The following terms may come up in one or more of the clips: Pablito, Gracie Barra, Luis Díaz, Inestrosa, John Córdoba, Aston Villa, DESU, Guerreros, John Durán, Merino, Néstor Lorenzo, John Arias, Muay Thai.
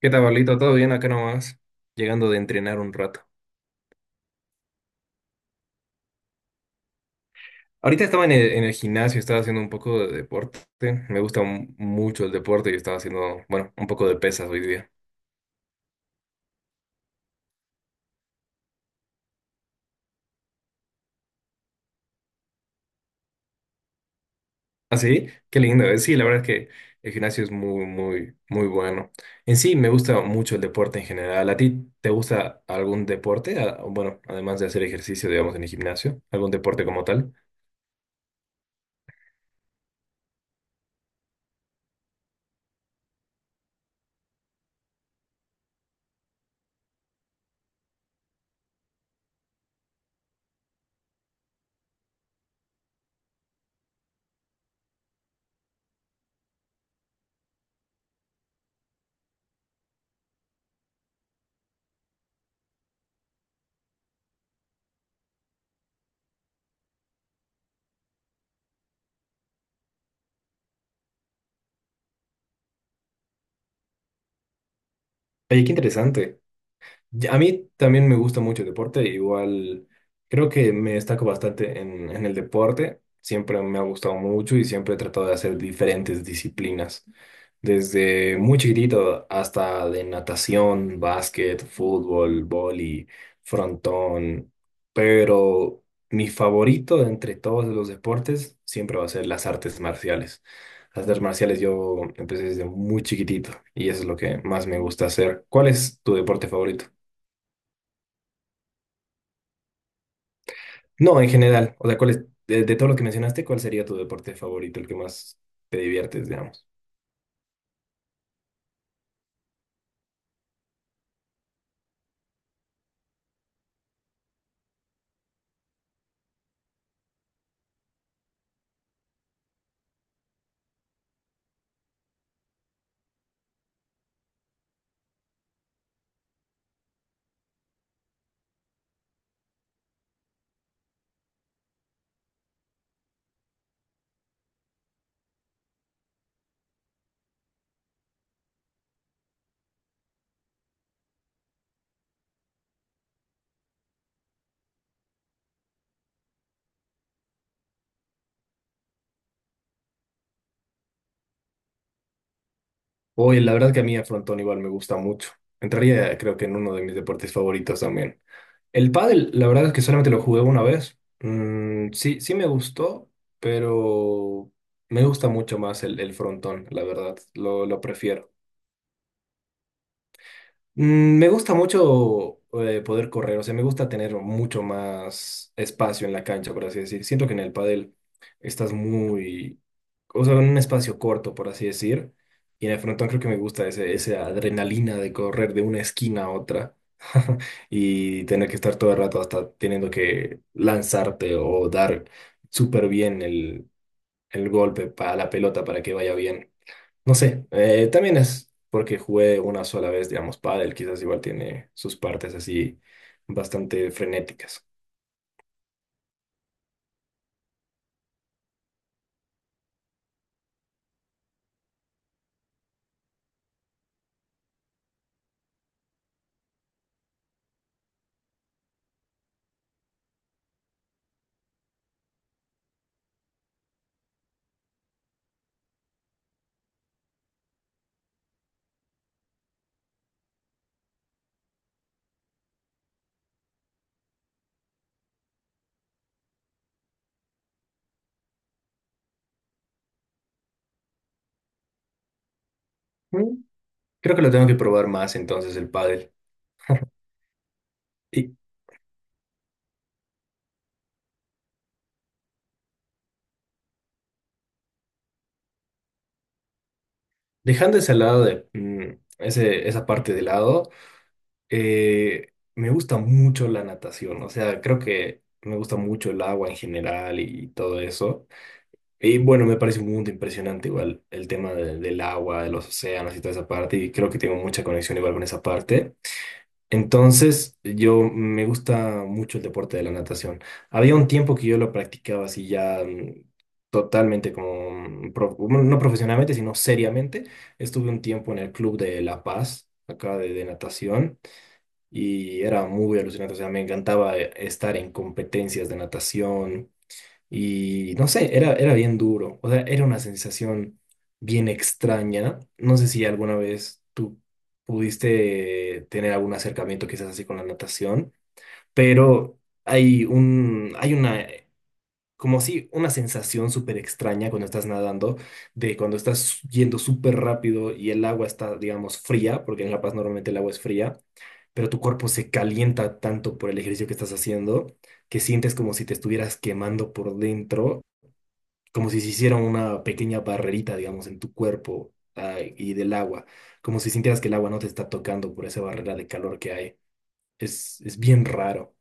¿Qué tal, Pablito? ¿Todo bien acá nomás? Llegando de entrenar un rato. Ahorita estaba en el gimnasio, estaba haciendo un poco de deporte. Me gusta mucho el deporte y estaba haciendo, bueno, un poco de pesas hoy día. ¿Ah, sí? Qué lindo. Sí, la verdad es que el gimnasio es muy, muy, muy bueno. En sí, me gusta mucho el deporte en general. ¿A ti te gusta algún deporte? Ah, bueno, además de hacer ejercicio, digamos, en el gimnasio, algún deporte como tal. Oye, qué interesante. A mí también me gusta mucho el deporte, igual creo que me destaco bastante en el deporte, siempre me ha gustado mucho y siempre he tratado de hacer diferentes disciplinas, desde muy chiquitito hasta de natación, básquet, fútbol, vóley, frontón, pero mi favorito de entre todos los deportes siempre va a ser las artes marciales. Las artes marciales yo empecé desde muy chiquitito y eso es lo que más me gusta hacer. ¿Cuál es tu deporte favorito? No, en general, o sea, ¿cuál es, de todo lo que mencionaste, cuál sería tu deporte favorito, el que más te diviertes, digamos? Oye, la verdad que a mí a frontón igual me gusta mucho. Entraría, creo que en uno de mis deportes favoritos también. El pádel, la verdad es que solamente lo jugué una vez. Mm, sí me gustó, pero me gusta mucho más el frontón, la verdad, lo prefiero. Mm, me gusta mucho poder correr, o sea, me gusta tener mucho más espacio en la cancha, por así decir. Siento que en el pádel estás muy, o sea, en un espacio corto, por así decir. Y en el frontón creo que me gusta esa adrenalina de correr de una esquina a otra y tener que estar todo el rato hasta teniendo que lanzarte o dar súper bien el golpe para la pelota para que vaya bien. No sé, también es porque jugué una sola vez, digamos, pádel, quizás igual tiene sus partes así bastante frenéticas. Mm, creo que lo tengo que probar más entonces el pádel. Y dejando ese lado de esa parte de lado, me gusta mucho la natación, o sea, creo que me gusta mucho el agua en general y todo eso. Y bueno, me parece un mundo impresionante igual el tema del agua, de los océanos y toda esa parte, y creo que tengo mucha conexión igual con esa parte. Entonces, yo me gusta mucho el deporte de la natación. Había un tiempo que yo lo practicaba así ya totalmente como, bueno, no profesionalmente, sino seriamente. Estuve un tiempo en el Club de La Paz, acá de natación, y era muy alucinante. O sea, me encantaba estar en competencias de natación. Y no sé, era bien duro. O sea, era una sensación bien extraña. No sé si alguna vez tú pudiste tener algún acercamiento quizás así con la natación, pero hay una, como si una sensación súper extraña cuando estás nadando, de cuando estás yendo súper rápido y el agua está, digamos, fría, porque en La Paz normalmente el agua es fría, pero tu cuerpo se calienta tanto por el ejercicio que estás haciendo que sientes como si te estuvieras quemando por dentro como si se hiciera una pequeña barrerita, digamos, en tu cuerpo, ah, y del agua, como si sintieras que el agua no te está tocando por esa barrera de calor que hay. Es bien raro.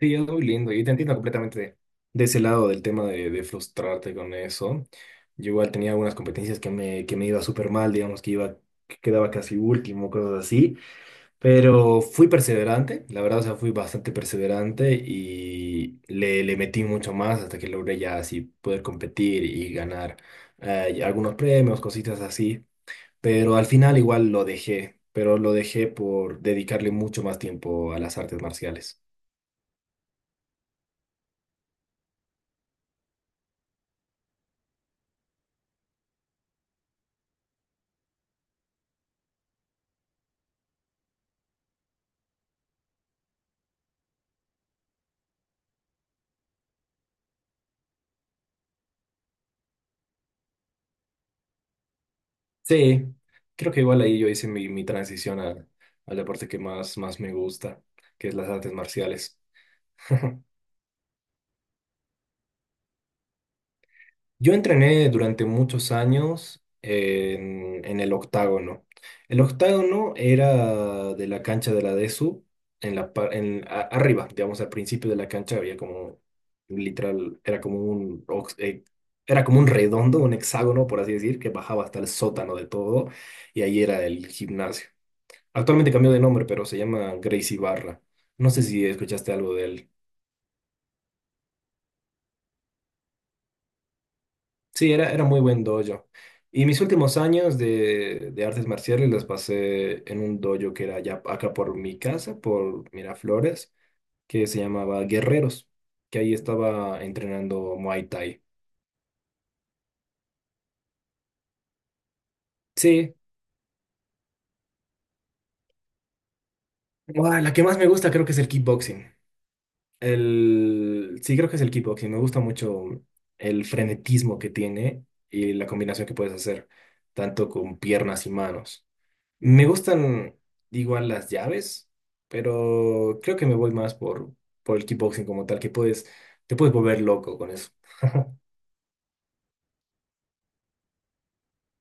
Sí, es muy lindo y te entiendo completamente. De ese lado del tema de frustrarte con eso, yo igual tenía algunas competencias que me iba súper mal, digamos, que iba, que quedaba casi último, cosas así. Pero fui perseverante, la verdad, o sea, fui bastante perseverante y le metí mucho más hasta que logré ya así poder competir y ganar y algunos premios, cositas así. Pero al final igual lo dejé, pero lo dejé por dedicarle mucho más tiempo a las artes marciales. Sí, creo que igual ahí yo hice mi transición al deporte que más me gusta, que es las artes marciales. Yo entrené durante muchos años en el octágono. El octágono era de la cancha de la DESU, en la, arriba, digamos, al principio de la cancha había como, literal, era como un, era como un redondo, un hexágono, por así decir, que bajaba hasta el sótano de todo, y ahí era el gimnasio. Actualmente cambió de nombre, pero se llama Gracie Barra. No sé si escuchaste algo de él. Sí, era muy buen dojo. Y mis últimos años de artes marciales las pasé en un dojo que era allá, acá por mi casa, por Miraflores, que se llamaba Guerreros, que ahí estaba entrenando Muay Thai. Sí, buah, la que más me gusta creo que es el kickboxing. El... Sí, creo que es el kickboxing. Me gusta mucho el frenetismo que tiene y la combinación que puedes hacer, tanto con piernas y manos. Me gustan igual las llaves, pero creo que me voy más por el kickboxing como tal, que puedes, te puedes volver loco con eso.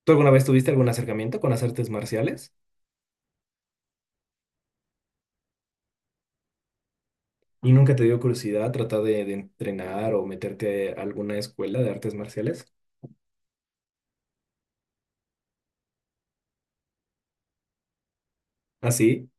¿Tú alguna vez tuviste algún acercamiento con las artes marciales? ¿Y nunca te dio curiosidad tratar de entrenar o meterte a alguna escuela de artes marciales? ¿Ah, sí?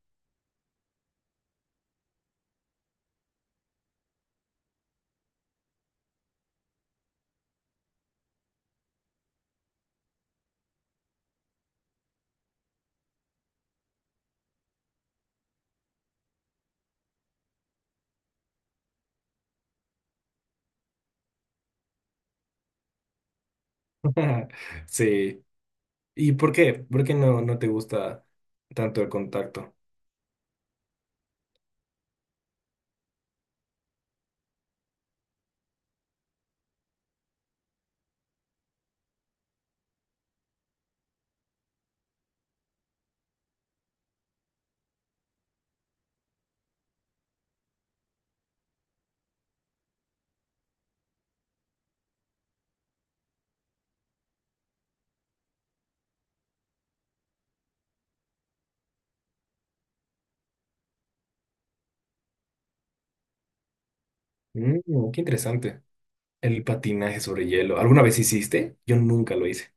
Sí. ¿Y por qué? ¿Por qué no te gusta tanto el contacto? Mm, qué interesante. El patinaje sobre hielo. ¿Alguna vez hiciste? Yo nunca lo hice.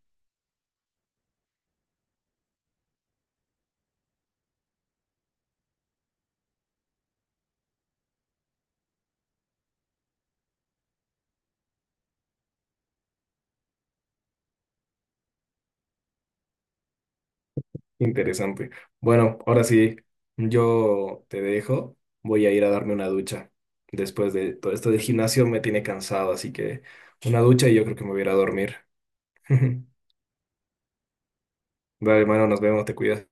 Interesante. Bueno, ahora sí, yo te dejo. Voy a ir a darme una ducha. Después de todo esto del gimnasio me tiene cansado, así que una ducha y yo creo que me voy a ir a dormir. Dale, hermano, nos vemos, te cuidas.